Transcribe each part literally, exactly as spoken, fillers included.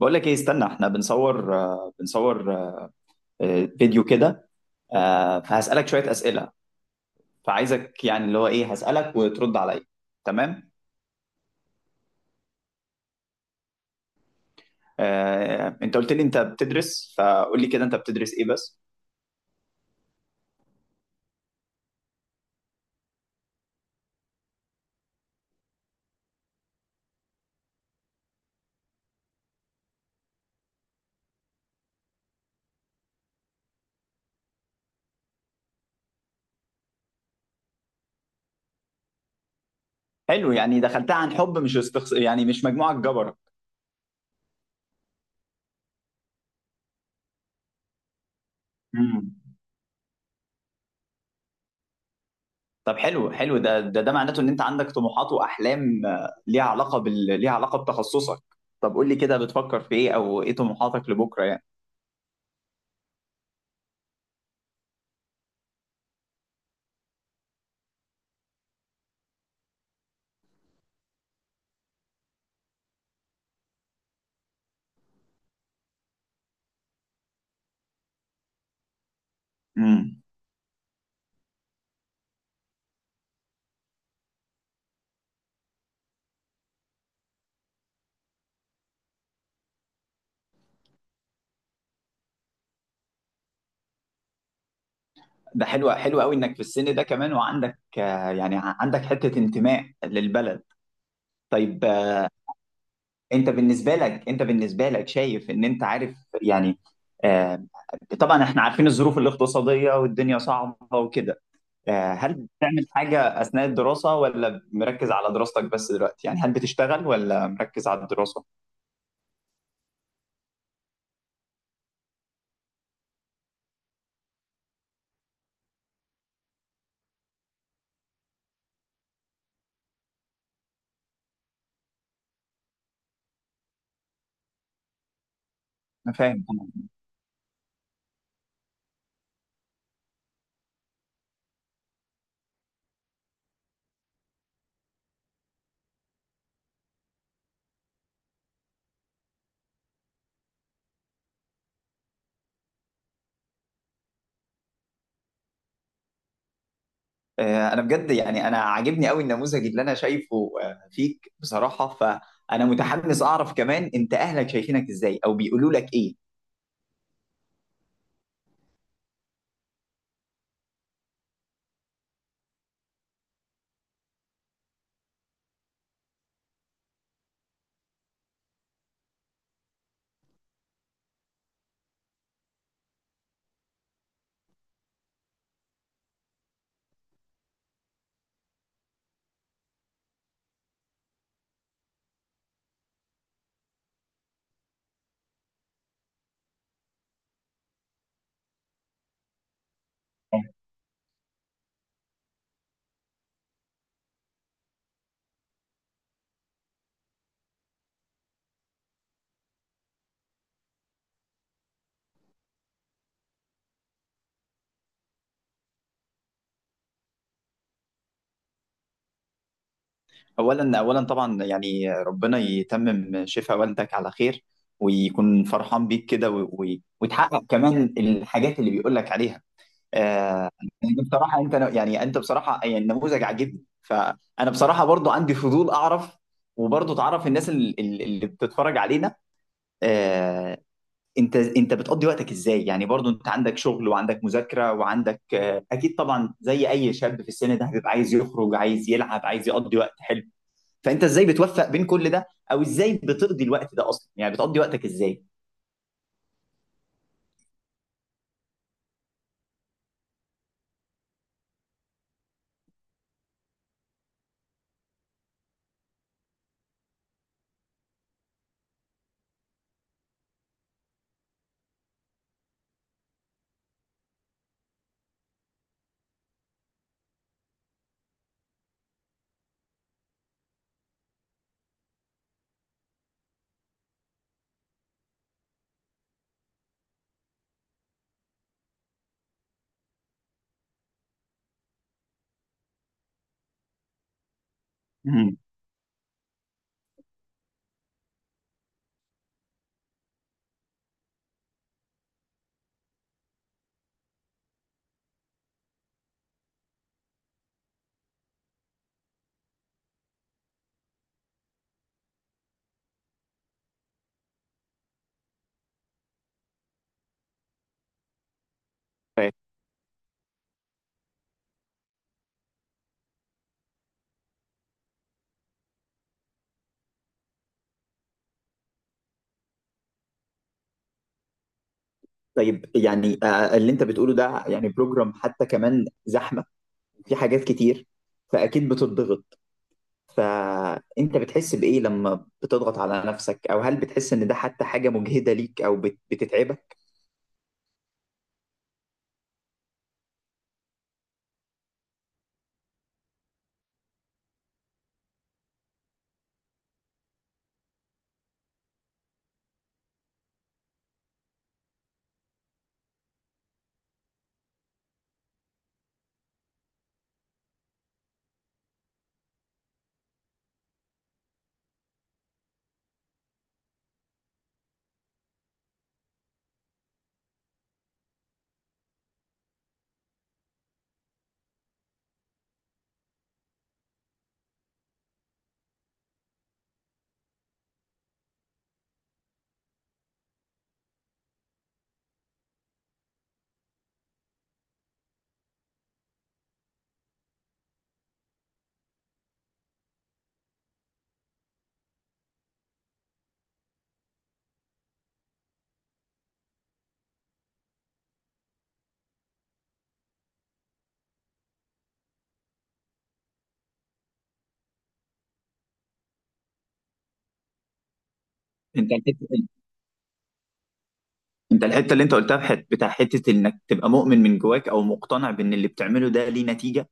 بقول لك ايه، استنى. احنا بنصور آه، بنصور آه، فيديو كده. آه، فهسألك شوية أسئلة. فعايزك، يعني اللي هو ايه، هسألك وترد عليا. تمام. آه، انت قلت لي انت بتدرس، فقول لي كده انت بتدرس ايه بس. حلو، يعني دخلتها عن حب، مش استخص... يعني مش مجموعة جبرة. مم. طب حلو حلو، ده ده ده معناته ان انت عندك طموحات واحلام آه، ليها علاقة بال... ليها علاقة بتخصصك. طب قول لي كده، بتفكر في ايه، او ايه طموحاتك لبكرة يعني؟ مم. ده حلو، حلو قوي انك في السن ده كمان، وعندك آه، يعني ع- عندك حتة انتماء للبلد. طيب. آه، انت بالنسبة لك انت بالنسبة لك شايف ان انت عارف، يعني آه، طبعا احنا عارفين الظروف الاقتصادية والدنيا صعبة وكده. آه، هل بتعمل حاجة اثناء الدراسة، ولا مركز على دراستك بس دلوقتي؟ يعني هل بتشتغل ولا مركز على الدراسة؟ انا فاهم. آه، انا بجد يعني انا عاجبني قوي النموذج اللي انا شايفه آه، فيك بصراحه، فانا متحمس اعرف كمان انت اهلك شايفينك ازاي او بيقولوا لك ايه. اولا اولا طبعا يعني ربنا يتمم شفاء والدك على خير، ويكون فرحان بيك كده، و- و- وتحقق كمان الحاجات اللي بيقول لك عليها. آه، يعني بصراحه انت، يعني انت بصراحه، يعني النموذج عاجبني، فانا بصراحه برضو عندي فضول اعرف. وبرضو تعرف الناس اللي, اللي بتتفرج علينا. آه، انت انت بتقضي وقتك ازاي، يعني برضو انت عندك شغل، وعندك مذاكره، وعندك آه، اكيد طبعا زي اي شاب في السن ده هتبقى عايز يخرج، عايز يلعب، عايز يقضي وقت حلو. فانت ازاي بتوفق بين كل ده، او ازاي بتقضي الوقت ده اصلا؟ يعني بتقضي وقتك ازاي؟ مم. طيب. طيب، يعني آه، اللي انت بتقوله ده يعني بروجرام حتى كمان زحمه، في حاجات كتير، فاكيد بتضغط. فانت بتحس بايه لما بتضغط على نفسك، او هل بتحس ان ده حتى حاجه مجهده ليك، او بت- بتتعبك؟ انت انت الحته اللي انت قلتها في حت- بتاع حته، انك تبقى مؤمن من جواك او مقتنع بان اللي بتعمله ده ليه نتيجه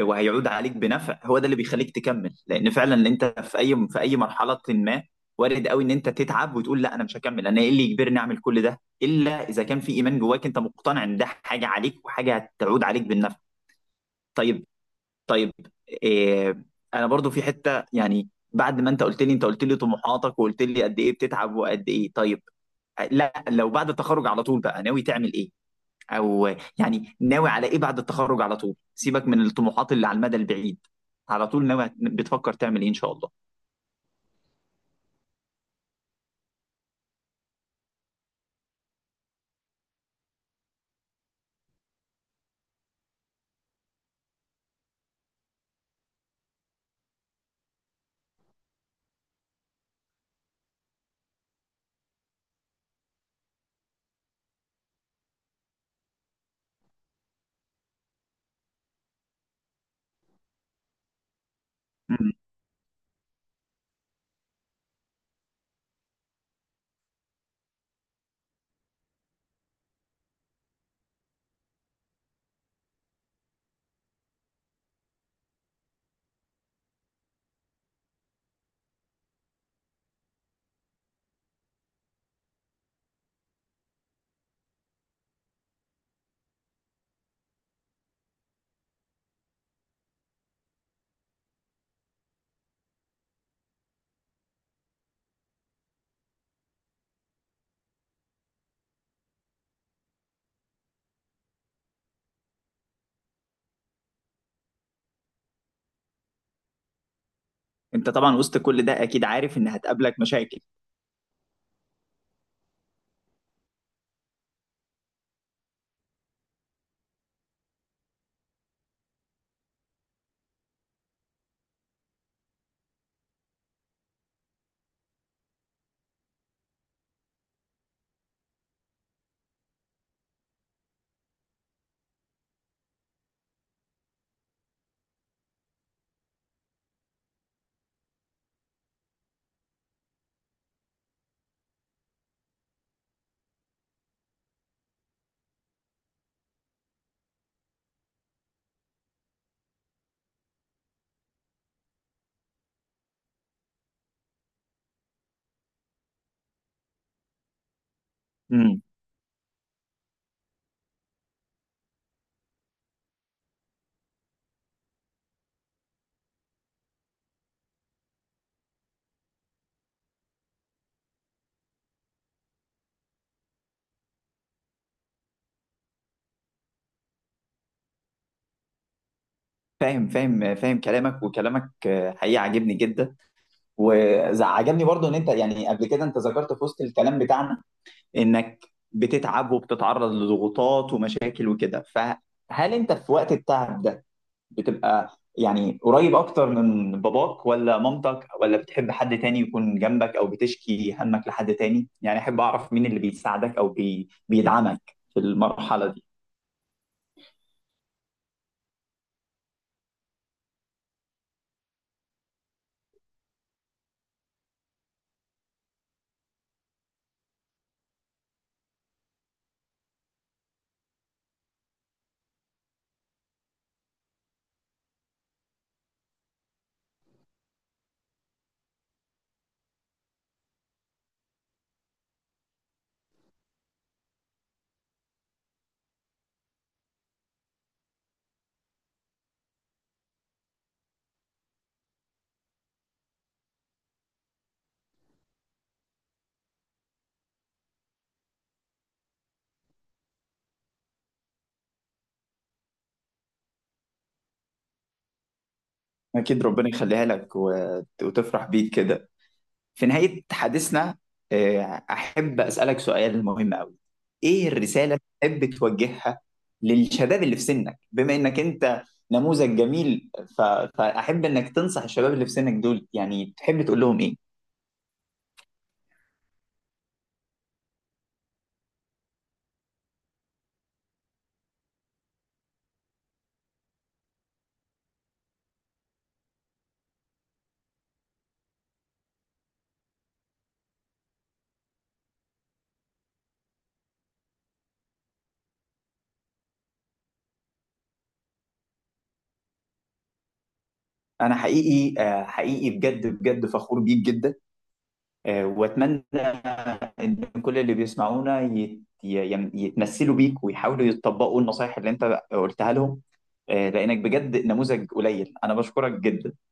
وهيعود عليك بنفع، هو ده اللي بيخليك تكمل. لان فعلا اللي انت في اي في اي مرحله ما، وارد قوي ان انت تتعب وتقول لا، انا مش هكمل، انا ايه اللي يجبرني اعمل كل ده، الا اذا كان في ايمان جواك انت مقتنع ان ده حاجه عليك وحاجه هتعود عليك بالنفع. طيب. طيب. إيه، انا برضو في حته، يعني بعد ما انت قلت لي، انت قلت لي طموحاتك وقلت لي قد ايه بتتعب وقد ايه. طيب، آه، لا، لو بعد التخرج على طول بقى ناوي تعمل ايه؟ او يعني ناوي على ايه بعد التخرج على طول، سيبك من الطموحات اللي على المدى البعيد. على طول ناوي بتفكر تعمل ايه ان شاء الله؟ مم. انت طبعا وسط كل ده اكيد عارف ان هتقابلك مشاكل. مم. فاهم فاهم فاهم كلامك، وكلامك آه، حقيقي عاجبني جدا. وعجبني برضو ان انت، يعني قبل كده انت ذكرت في وسط الكلام بتاعنا انك بتتعب وبتتعرض لضغوطات ومشاكل وكده، فهل انت في وقت التعب ده بتبقى يعني قريب اكتر من باباك ولا مامتك، ولا بتحب حد تاني يكون جنبك، او بتشكي همك لحد تاني؟ يعني احب اعرف مين اللي بيساعدك او بي... بيدعمك في المرحلة دي. اكيد ربنا يخليها لك وت- وتفرح بيك كده. في نهاية حديثنا، آه، احب اسألك سؤال مهم قوي. ايه الرسالة اللي تحب توجهها للشباب اللي في سنك، بما انك انت نموذج جميل؟ ف... فاحب انك تنصح الشباب اللي في سنك دول، يعني تحب تقول لهم ايه؟ انا حقيقي آه، حقيقي بجد بجد فخور بيك جدا. آه، واتمنى ان كل اللي بيسمعونا يت- ي- يتمثلوا بيك ويحاولوا يطبقوا النصايح اللي انت قلتها لهم، آه، لانك بجد نموذج قليل. انا بشكرك جدا.